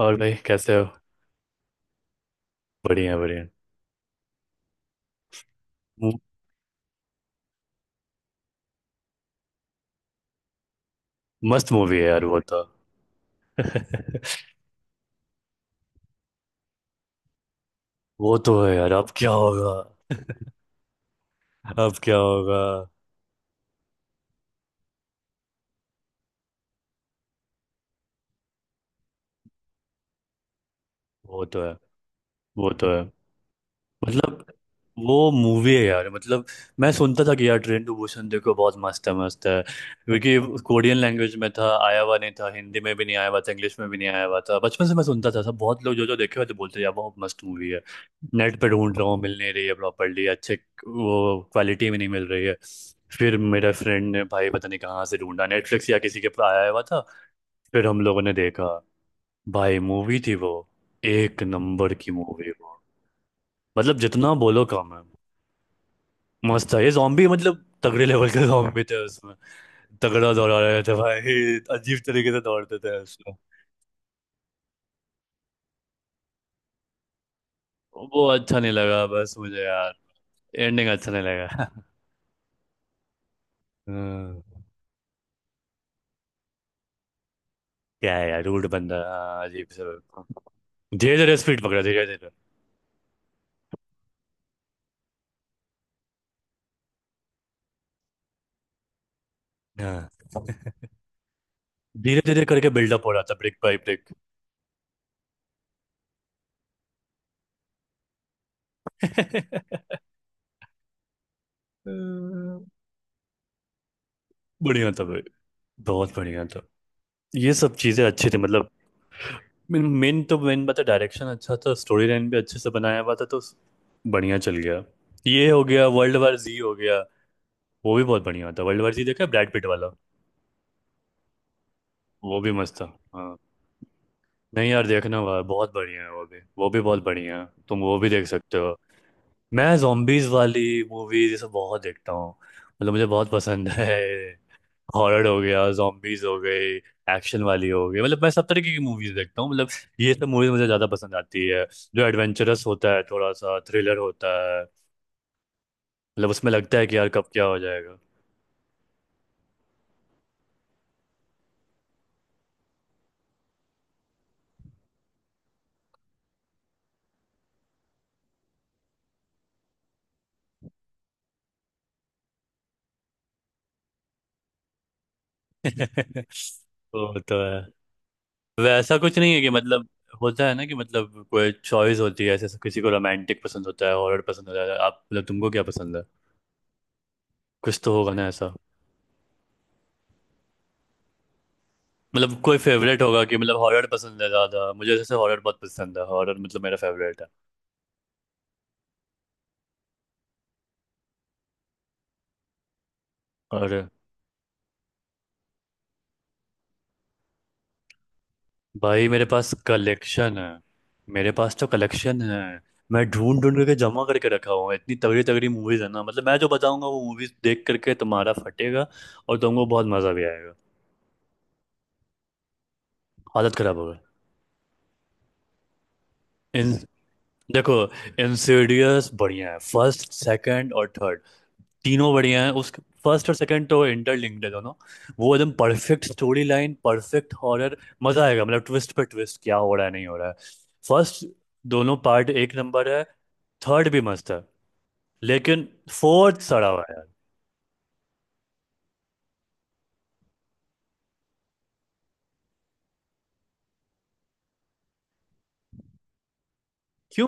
और भाई कैसे हो। बढ़िया बढ़िया। मु- मस्त मूवी है यार वो तो। वो तो है यार, अब क्या होगा। अब क्या होगा। वो तो है। वो तो है। मतलब वो मूवी है यार, मतलब मैं सुनता था कि यार ट्रेन टू बुसान देखो, बहुत मस्त है, मस्त है, क्योंकि कोरियन लैंग्वेज में था, आया हुआ नहीं था, हिंदी में भी नहीं आया हुआ था, इंग्लिश में भी नहीं आया हुआ था। बचपन से मैं सुनता था, सब बहुत लोग जो जो देखे हुए थे बोलते थे, यार बहुत मस्त मूवी है। नेट पे ढूंढ रहा हूँ, मिल नहीं रही है प्रॉपरली अच्छे। वो क्वालिटी में नहीं मिल रही है। फिर मेरा फ्रेंड ने भाई पता नहीं कहाँ से ढूंढा, नेटफ्लिक्स या किसी के पर आया हुआ था। फिर हम लोगों ने देखा। भाई मूवी थी वो, एक नंबर की मूवी वो। मतलब जितना बोलो कम है। मस्त था ये जॉम्बी, मतलब तगड़े लेवल के जॉम्बी थे उसमें। तगड़ा दौड़ा रहे थे भाई, अजीब तरीके से दौड़ते थे उसमें। वो अच्छा नहीं लगा बस मुझे यार। एंडिंग अच्छा नहीं लगा। हम्म, क्या है यार, रूड बंदा। हाँ, अजीब से। धीरे धीरे स्पीड पकड़ा, धीरे धीरे। हाँ, धीरे धीरे करके बिल्डअप हो रहा था, ब्रेक बाय ब्रेक। बढ़िया था भाई। बहुत बढ़िया था। ये सब चीजें अच्छी थी मतलब। मेन मेन तो मेन बात है, डायरेक्शन अच्छा था, स्टोरी लाइन भी अच्छे से बनाया हुआ था, तो बढ़िया चल गया। ये हो गया वर्ल्ड वार जी, हो गया। वो भी बहुत बढ़िया था, वर्ल्ड वार जी देखा, ब्रैड पिट वाला। वो भी मस्त था। हाँ, नहीं यार देखना हुआ, बहुत बढ़िया है वो भी, वो भी बहुत बढ़िया है, तुम वो भी देख सकते हो। मैं जॉम्बीज वाली मूवीज ये सब बहुत देखता हूँ, मतलब मुझे बहुत पसंद है। हॉरर हो गया, zombies हो गए, एक्शन वाली हो गई, मतलब मैं सब तरीके की मूवीज देखता हूँ। मतलब ये सब मूवीज मुझे ज्यादा पसंद आती है, जो एडवेंचरस होता है, थोड़ा सा थ्रिलर होता है। मतलब उसमें लगता है कि यार कब क्या हो जाएगा। वो तो है। वैसा कुछ नहीं है कि मतलब, होता है ना कि, मतलब कोई चॉइस होती है ऐसे, किसी को रोमांटिक पसंद होता है, हॉरर पसंद होता है। आप मतलब तुमको क्या पसंद है, कुछ तो होगा ना ऐसा। मतलब कोई फेवरेट होगा कि, मतलब हॉरर पसंद है ज्यादा मुझे, जैसे हॉरर बहुत पसंद है, हॉरर मतलब मेरा फेवरेट है। और भाई मेरे पास कलेक्शन है। मेरे पास तो कलेक्शन है। मैं ढूंढ ढूंढ करके जमा करके रखा हुआ है, इतनी तगड़ी तगड़ी मूवीज है ना, मतलब मैं जो बताऊंगा वो मूवीज देख करके तुम्हारा फटेगा, और तुमको बहुत मजा भी आएगा। हालत खराब होगा। इन देखो, इंसिडियस बढ़िया है, फर्स्ट सेकंड और थर्ड, तीनों बढ़िया हैं उस। फर्स्ट और सेकंड तो इंटरलिंक्ड है दोनों, वो एकदम perfect story line, perfect horror. मजा आएगा, मतलब ट्विस्ट पे ट्विस्ट, क्या हो रहा है नहीं हो रहा है। फर्स्ट दोनों पार्ट एक नंबर है। थर्ड भी मस्त है, लेकिन फोर्थ सड़ा हुआ है यार। क्यों?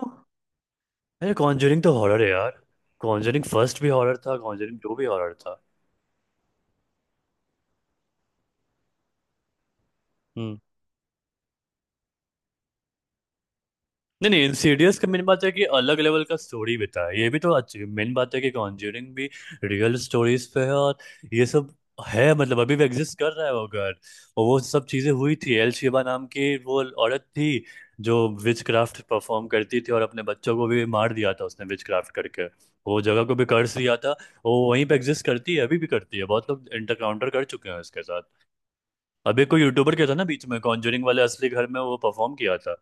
अरे कॉन्जरिंग तो हॉरर है यार, कॉन्जरिंग फर्स्ट भी हॉरर था, कॉन्जरिंग टू भी हॉरर था। हम्म। नहीं नहीं, इंसीडियस का मेन बात है कि अलग लेवल का स्टोरी बिता है, ये भी तो अच्छी, मेन बात है कि कॉन्ज्यूरिंग भी रियल स्टोरीज पे है, और ये सब है, मतलब अभी भी एग्जिस्ट कर रहा है वो घर, और वो सब चीजें हुई थी। एल शिबा नाम की वो औरत थी जो विच क्राफ्ट परफॉर्म करती थी, और अपने बच्चों को भी मार दिया था उसने विच क्राफ्ट करके, वो जगह को भी कर्स दिया था। वो वहीं पे एग्जिस्ट करती है, अभी भी करती है, बहुत लोग इंटरकाउंटर कर चुके हैं उसके साथ। अभी कोई यूट्यूबर किया था ना बीच में, कॉन्ज्यूरिंग वाले असली घर में वो परफॉर्म किया था।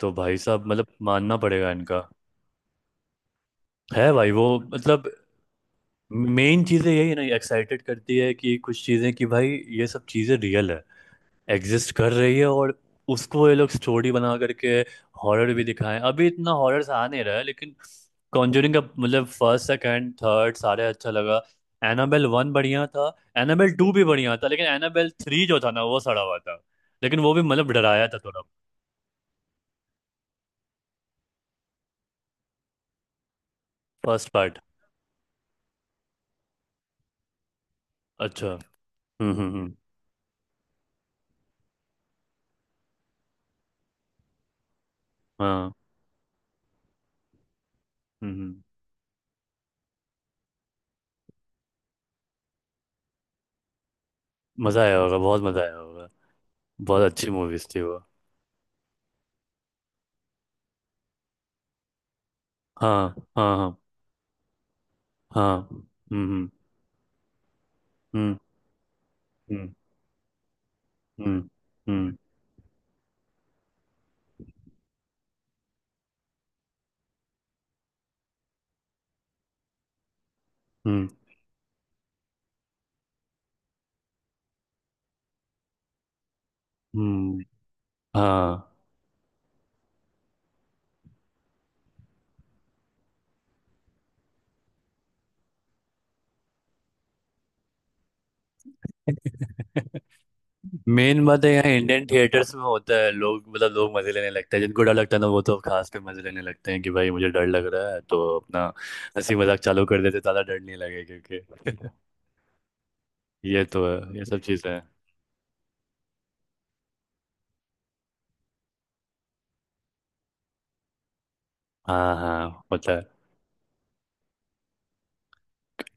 तो भाई साहब मतलब मानना पड़ेगा इनका, है भाई वो। मतलब मेन चीज़ें यही है ना, एक्साइटेड करती है, कि कुछ चीज़ें कि भाई ये सब चीज़ें रियल है, एग्जिस्ट कर रही है, और उसको ये लोग स्टोरी बना करके हॉरर भी दिखाएं। अभी इतना हॉरर आ नहीं रहा है लेकिन। कॉन्जरिंग का मतलब फर्स्ट सेकंड थर्ड सारे अच्छा लगा। एनाबेल वन बढ़िया था, एनाबेल टू भी बढ़िया था, लेकिन एनाबेल थ्री जो था ना वो सड़ा हुआ था, लेकिन वो भी मतलब डराया था थोड़ा। फर्स्ट पार्ट अच्छा। हम्म। हाँ। हम्म हम्म। मजा आया होगा, बहुत मजा आया होगा। बहुत अच्छी मूवीज थी वो। हाँ हाँ हाँ हाँ। हम्म हम्म हम्म हम्म। हम्म हम्म हम्म, हम्म, हाँ। मेन बात है, यहाँ इंडियन थिएटर्स में होता है, लोग मतलब लोग मजे लेने लगते हैं। जिनको डर लगता है ना वो तो खास पे मजे लेने लगते हैं, कि भाई मुझे डर लग रहा है तो अपना हंसी मजाक चालू कर देते, ज्यादा डर नहीं लगे क्योंकि। ये तो है, ये सब चीज़ें हैं। हाँ हाँ होता है।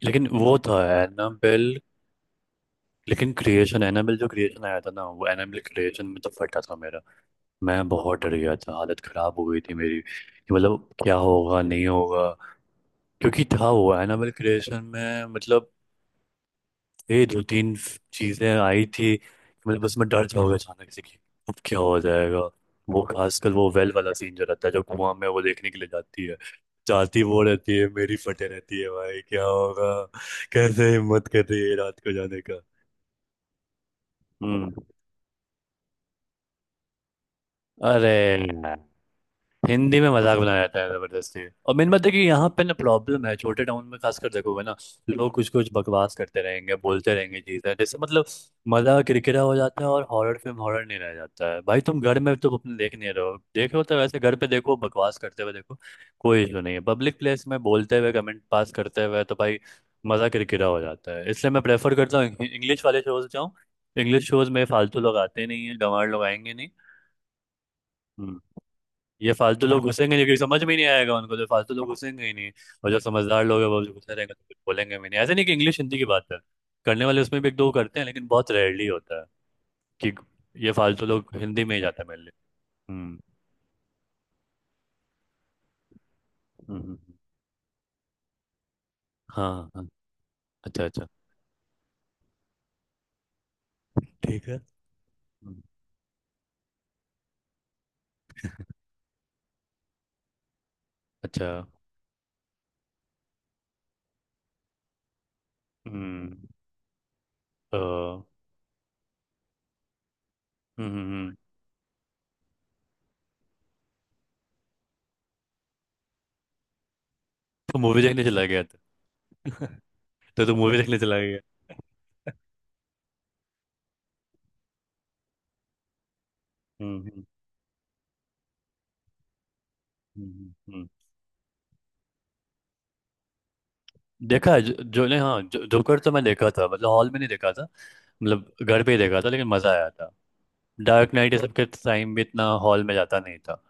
लेकिन वो था एनाबेल, लेकिन क्रिएशन एनाबेल, जो क्रिएशन आया था ना, वो एनाबेल क्रिएशन में तो फटा था मेरा। मैं बहुत डर गया था, हालत खराब हो गई थी मेरी, कि मतलब क्या होगा नहीं होगा, क्योंकि था वो एनाबेल क्रिएशन में, मतलब ये दो तीन चीजें आई थी कि मतलब बस मैं डर जाओगे अचानक से, कि अब क्या हो जाएगा। वो खासकर वो वेल वाला सीन जो रहता है, जो कुआं में वो देखने के लिए जाती है, जाती वो रहती है, मेरी फटे रहती है भाई क्या होगा, कैसे हिम्मत कर रही है रात को जाने का। हम्म। अरे, हिंदी में मजाक बनाया जाता है जबरदस्ती, और मेन बात है कि यहाँ पे ना प्रॉब्लम है, छोटे टाउन में खासकर देखोगे ना, लोग कुछ कुछ बकवास करते रहेंगे, बोलते रहेंगे चीजें, जैसे मतलब मजा किरकिरा हो जाता है, और हॉरर फिल्म हॉरर नहीं रह जाता है भाई। तुम घर में तो अपने देख नहीं रहे हो, देख रहे हो तो वैसे घर पे देखो, बकवास करते हुए देखो, कोई इशू नहीं है। पब्लिक प्लेस में बोलते हुए, कमेंट पास करते हुए, तो भाई मजा किरकिरा हो जाता है, इसलिए मैं प्रेफर करता हूँ इंग्लिश वाले शोज जाऊँ। इंग्लिश शोज में फालतू लोग आते नहीं है, गंवार लोग आएंगे नहीं, ये फालतू लोग हाँ घुसेंगे नहीं, क्योंकि समझ में ही नहीं आएगा उनको, जो फालतू लोग घुसेंगे ही नहीं। और जो समझदार लोग हैं वो जो घुसे रहेंगे तो कुछ बोलेंगे भी नहीं, ऐसे नहीं कि इंग्लिश हिंदी की बात है, करने वाले उसमें भी एक दो करते हैं लेकिन बहुत रेयरली होता है कि, ये फालतू लोग हिंदी में ही जाता है मेरे लिए। हम्म हम्म, हम्म, हाँ हाँ। अच्छा अच्छा। ठीक है। हम्म, अच्छा। हम्म। तो हम्म हम्म, हम्म, तो मूवी देखने चला गया था। तो तू मूवी देखने चला गया। हम्म हम्म हम्म, हम्म, हम्म। देखा है, जो, जो ने हाँ जो, जोकर तो मैं देखा था, मतलब हॉल में नहीं देखा था, मतलब घर पे ही देखा था, लेकिन मजा आया था। डार्क नाइट ये सब के टाइम भी इतना हॉल में जाता नहीं था,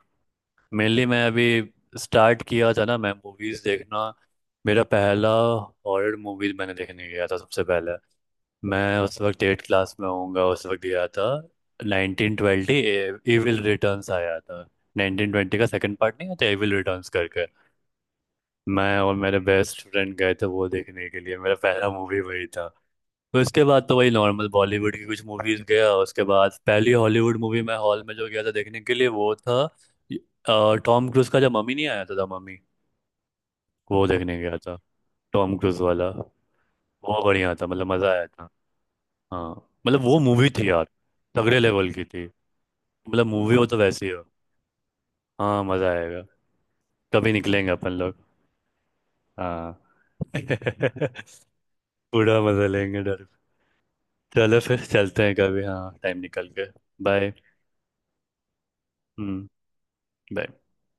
मेनली मैं अभी स्टार्ट किया था ना मैं मूवीज देखना। मेरा पहला हॉरर मूवीज मैंने देखने गया था सबसे पहले, मैं उस वक्त 8th क्लास में होऊंगा उस वक्त गया था। 1920 एविल रिटर्न्स आया था, नाइनटीन ट्वेंटी का सेकंड पार्ट नहीं आता एविल रिटर्न्स करके। मैं और मेरे बेस्ट फ्रेंड गए थे वो देखने के लिए, मेरा पहला मूवी वही था। तो उसके बाद तो वही नॉर्मल बॉलीवुड की कुछ मूवीज गया, उसके बाद पहली हॉलीवुड मूवी मैं हॉल में जो गया था देखने के लिए वो था, टॉम क्रूज का, जब मम्मी नहीं आया था, द मम्मी, वो देखने गया था, टॉम क्रूज वाला। वो बढ़िया था मतलब, मजा आया था। हाँ, मतलब वो मूवी थी यार, तगड़े लेवल की थी, मतलब मूवी हो तो वैसी हो। हाँ मजा आएगा। कभी निकलेंगे अपन लोग। हाँ। पूरा मजा लेंगे डर। चलो फिर चलते हैं कभी, हाँ टाइम निकाल के। बाय। हम्म। bye.